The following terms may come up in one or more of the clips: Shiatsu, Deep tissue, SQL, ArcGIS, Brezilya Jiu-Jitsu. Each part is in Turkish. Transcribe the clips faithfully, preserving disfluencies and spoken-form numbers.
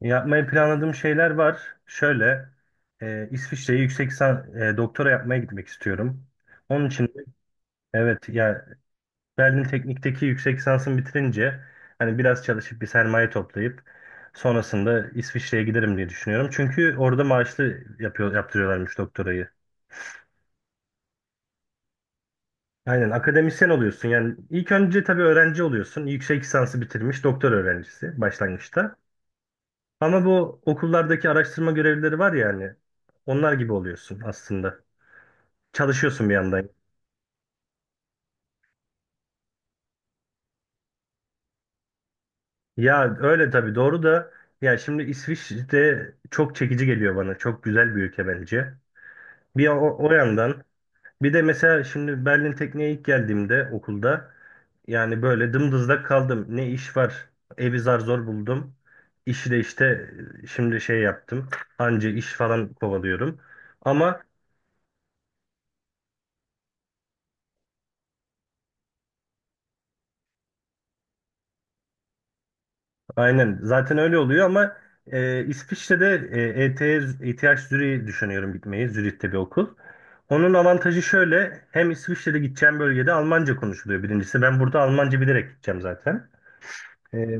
Yapmayı planladığım şeyler var. Şöyle, e, İsviçre'ye yüksek lisan- e, doktora yapmaya gitmek istiyorum. Onun için de- evet ya. Berlin Teknik'teki yüksek lisansımı bitirince hani biraz çalışıp bir sermaye toplayıp sonrasında İsviçre'ye giderim diye düşünüyorum. Çünkü orada maaşlı yapıyor yaptırıyorlarmış doktorayı. Aynen, akademisyen oluyorsun. Yani ilk önce tabii öğrenci oluyorsun. Yüksek lisansı bitirmiş doktor öğrencisi başlangıçta. Ama bu okullardaki araştırma görevlileri var ya, hani onlar gibi oluyorsun aslında. Çalışıyorsun bir yandan. Ya öyle tabii, doğru da, ya şimdi İsviçre çok çekici geliyor bana. Çok güzel bir ülke bence. Bir o, o yandan bir de mesela şimdi Berlin Tekniğe ilk geldiğimde okulda yani böyle dımdızlak kaldım. Ne iş var? Evi zar zor buldum. İşi de işte, e, şimdi şey yaptım. Anca iş falan kovalıyorum. Ama Aynen. Zaten öyle oluyor ama, e, İsviçre'de, e, ETH, E T H Zürich'i düşünüyorum gitmeyi. Zürih'te bir okul. Onun avantajı şöyle. Hem İsviçre'de gideceğim bölgede Almanca konuşuluyor, birincisi. Ben burada Almanca bilerek gideceğim zaten. E,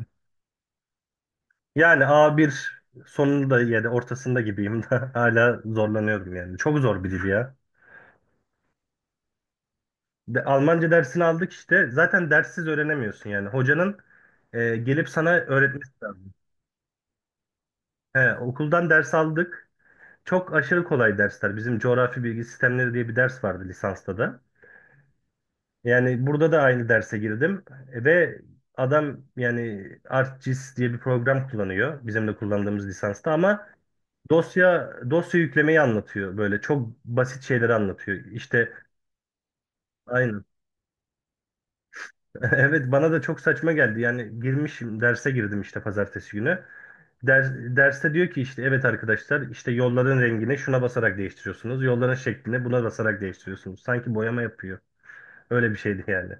yani A bir sonunda ya da ortasında gibiyim, da hala zorlanıyorum yani. Çok zor bir dil ya. De, Almanca dersini aldık işte. Zaten derssiz öğrenemiyorsun yani. Hocanın e, gelip sana öğretmesi lazım. He, okuldan ders aldık. Çok aşırı kolay dersler. Bizim coğrafi bilgi sistemleri diye bir ders vardı lisansta da. Yani burada da aynı derse girdim. E, ve adam yani ArcGIS diye bir program kullanıyor bizim de kullandığımız lisansta ama dosya dosya yüklemeyi anlatıyor, böyle çok basit şeyleri anlatıyor. İşte aynı. Evet, bana da çok saçma geldi. Yani girmişim, derse girdim işte pazartesi günü. Ders, derste diyor ki, işte evet arkadaşlar, işte yolların rengini şuna basarak değiştiriyorsunuz. Yolların şeklini buna basarak değiştiriyorsunuz. Sanki boyama yapıyor. Öyle bir şeydi yani.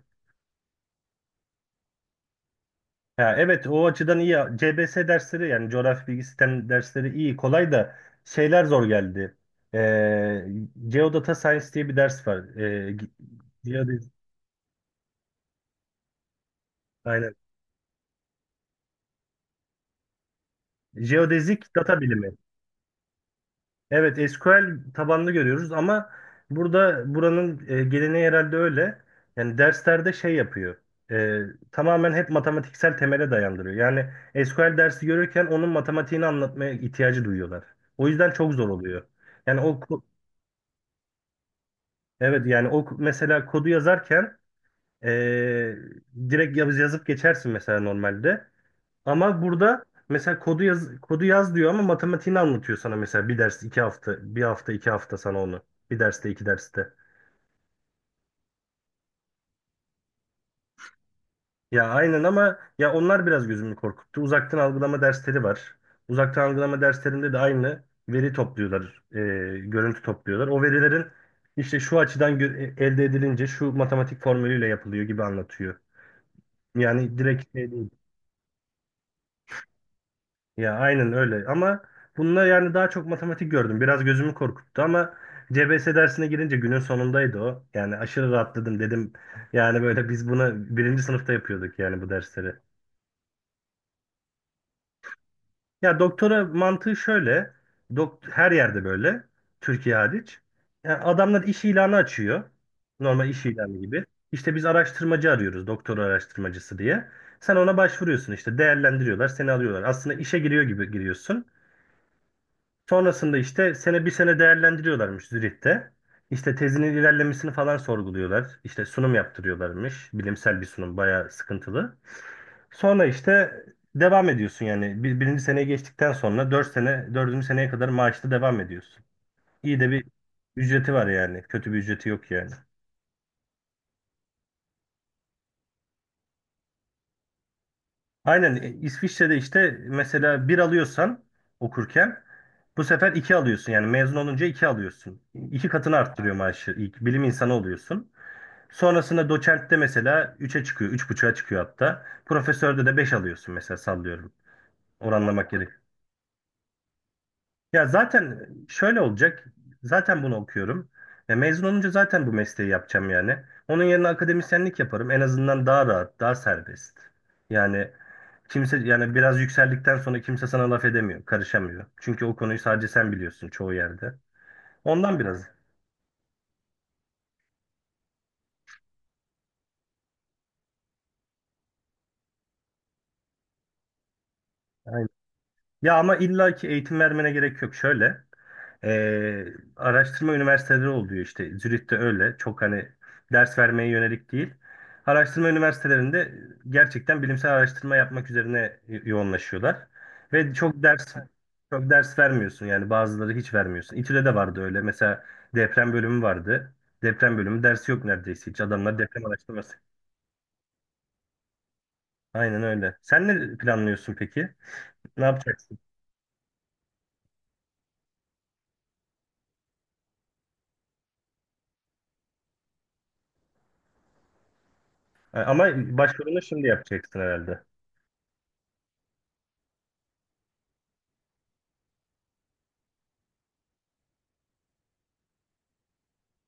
Ha, evet, o açıdan iyi. C B S dersleri, yani coğrafya bilgi sistem dersleri iyi, kolay da şeyler zor geldi. Ee, Geodata Science diye bir ders var. Ee, ge- geodezi, aynen. Jeodezik data bilimi. Evet, S Q L tabanlı görüyoruz ama burada buranın e, geleneği herhalde öyle. Yani derslerde şey yapıyor. e, Tamamen hep matematiksel temele dayandırıyor. Yani S Q L dersi görürken onun matematiğini anlatmaya ihtiyacı duyuyorlar. O yüzden çok zor oluyor. Yani o ko- evet, yani o mesela kodu yazarken e, direkt yaz- yazıp geçersin mesela normalde. Ama burada mesela kodu yaz, kodu yaz diyor ama matematiğini anlatıyor sana, mesela bir ders iki hafta, bir hafta iki hafta sana onu, bir derste iki derste. Ya aynen ama ya onlar biraz gözümü korkuttu. Uzaktan algılama dersleri var. Uzaktan algılama derslerinde de aynı veri topluyorlar, e, görüntü topluyorlar. O verilerin işte şu açıdan gö- e, elde edilince şu matematik formülüyle yapılıyor gibi anlatıyor. Yani direkt şey değil. Ya aynen öyle ama bununla yani daha çok matematik gördüm. Biraz gözümü korkuttu ama C B S dersine girince günün sonundaydı o. Yani aşırı rahatladım dedim. Yani böyle biz bunu birinci sınıfta yapıyorduk yani, bu dersleri. Ya doktora mantığı şöyle. Dokt her yerde böyle. Türkiye hariç. Yani adamlar iş ilanı açıyor. Normal iş ilanı gibi. İşte biz araştırmacı arıyoruz, doktora araştırmacısı diye. Sen ona başvuruyorsun işte, değerlendiriyorlar, seni alıyorlar. Aslında işe giriyor gibi giriyorsun. Sonrasında işte sene bir sene değerlendiriyorlarmış Zürih'te. İşte tezinin ilerlemesini falan sorguluyorlar. İşte sunum yaptırıyorlarmış. Bilimsel bir sunum, bayağı sıkıntılı. Sonra işte devam ediyorsun yani. Bir, birinci seneye geçtikten sonra dört sene, dördüncü seneye kadar maaşlı devam ediyorsun. İyi de bir ücreti var yani. Kötü bir ücreti yok yani. Aynen, e, İsviçre'de işte mesela bir alıyorsan okurken, bu sefer iki alıyorsun. Yani mezun olunca iki alıyorsun. İki katını arttırıyor maaşı. İlk bilim insanı oluyorsun. Sonrasında doçentte mesela üçe çıkıyor, üç buçuğa çıkıyor hatta. Profesörde de beş alıyorsun mesela, sallıyorum. Oranlamak gerek. Ya zaten şöyle olacak. Zaten bunu okuyorum. Ya mezun olunca zaten bu mesleği yapacağım yani. Onun yerine akademisyenlik yaparım. En azından daha rahat, daha serbest. Yani kimse, yani biraz yükseldikten sonra kimse sana laf edemiyor, karışamıyor. Çünkü o konuyu sadece sen biliyorsun çoğu yerde. Ondan biraz. Ya ama illa ki eğitim vermene gerek yok. Şöyle, e, araştırma üniversiteleri oluyor işte. Zürich'te öyle. Çok hani ders vermeye yönelik değil. Araştırma üniversitelerinde gerçekten bilimsel araştırma yapmak üzerine yo- yoğunlaşıyorlar. Ve çok ders Çok ders vermiyorsun yani, bazıları hiç vermiyorsun. İTÜ'de de vardı öyle. Mesela deprem bölümü vardı. Deprem bölümü dersi yok neredeyse hiç. Adamlar deprem araştırması. Aynen öyle. Sen ne planlıyorsun peki? Ne yapacaksın? Ama başvurunu şimdi yapacaksın herhalde.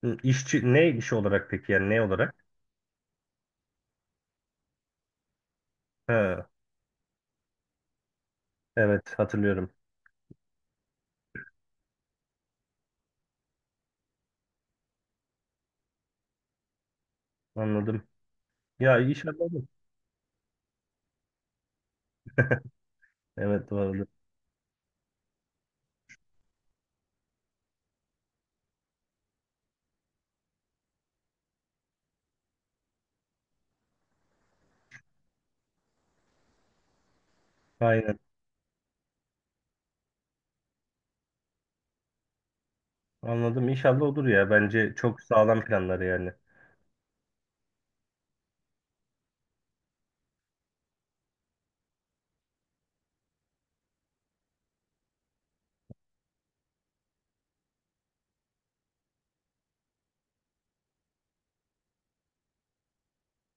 Hı, İşçi ne iş olarak peki, yani ne olarak? Ha, evet, hatırlıyorum. Anladım. Ya inşallah olur. Evet, bu arada. Aynen. Anladım. İnşallah olur ya. Bence çok sağlam planları yani.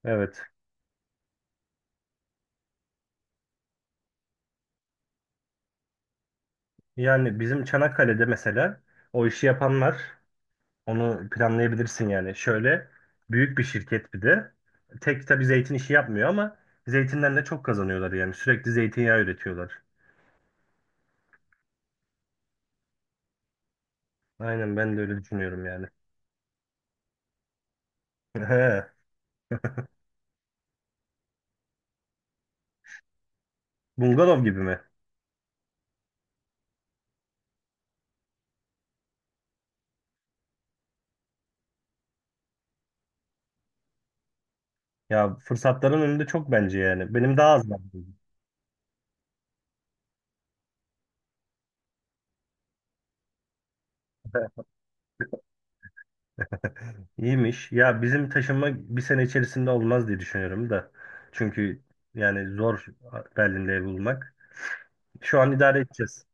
Evet. Yani bizim Çanakkale'de mesela o işi yapanlar, onu planlayabilirsin yani. Şöyle büyük bir şirket bir de. Tek tabii zeytin işi yapmıyor ama zeytinden de çok kazanıyorlar yani. Sürekli zeytinyağı üretiyorlar. Aynen, ben de öyle düşünüyorum yani. He, bungalov gibi mi? Ya fırsatların önünde çok, bence yani. Benim daha az var. İyiymiş. Ya bizim taşınma bir sene içerisinde olmaz diye düşünüyorum da. Çünkü yani zor Berlin'de ev bulmak. Şu an idare edeceğiz.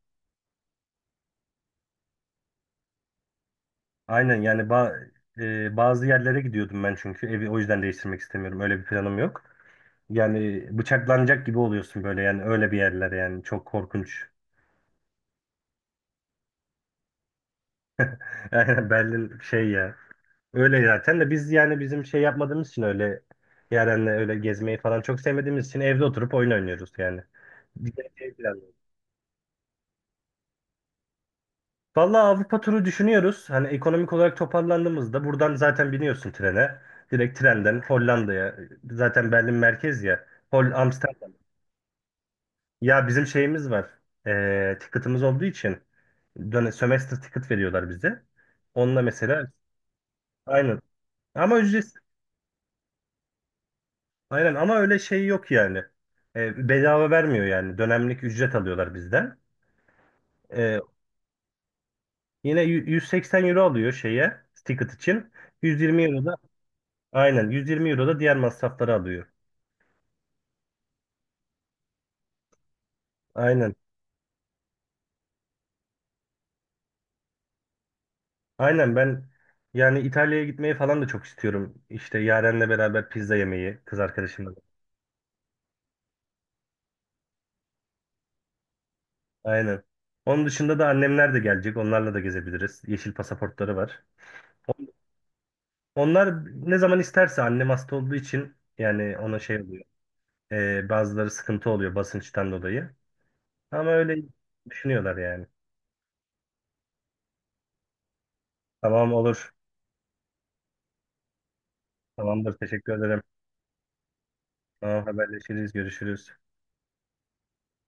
Aynen yani ba- e, bazı yerlere gidiyordum ben çünkü evi o yüzden değiştirmek istemiyorum. Öyle bir planım yok. Yani bıçaklanacak gibi oluyorsun böyle, yani öyle bir yerler yani, çok korkunç. Aynen, Berlin şey ya. Öyle zaten de biz yani bizim şey yapmadığımız için öyle, Yaren'le öyle gezmeyi falan çok sevmediğimiz için evde oturup oyun oynuyoruz yani. Gidecek şey planlıyoruz. Vallahi Avrupa turu düşünüyoruz. Hani ekonomik olarak toparlandığımızda buradan zaten biniyorsun trene. Direkt trenden Hollanda'ya. Zaten Berlin merkez ya. Hol Amsterdam. Ya bizim şeyimiz var. Ee, ticket'ımız olduğu için, döne, semester ticket veriyorlar bize. Onunla mesela aynı. Ama ücretsiz. Aynen ama öyle şey yok yani. E, bedava vermiyor yani. Dönemlik ücret alıyorlar bizden. E, yine yü- yüz seksen euro alıyor şeye, ticket için. yüz yirmi euro da, aynen yüz yirmi euro da diğer masrafları alıyor. Aynen. Aynen ben, yani İtalya'ya gitmeyi falan da çok istiyorum. İşte Yaren'le beraber pizza yemeyi, kız arkadaşımla. Aynen. Onun dışında da annemler de gelecek. Onlarla da gezebiliriz. Yeşil pasaportları var. Onlar ne zaman isterse, annem hasta olduğu için yani ona şey oluyor. Ee, bazıları sıkıntı oluyor basınçtan dolayı. Ama öyle düşünüyorlar yani. Tamam, olur. Tamamdır. Teşekkür ederim. Tamam, haberleşiriz. Görüşürüz.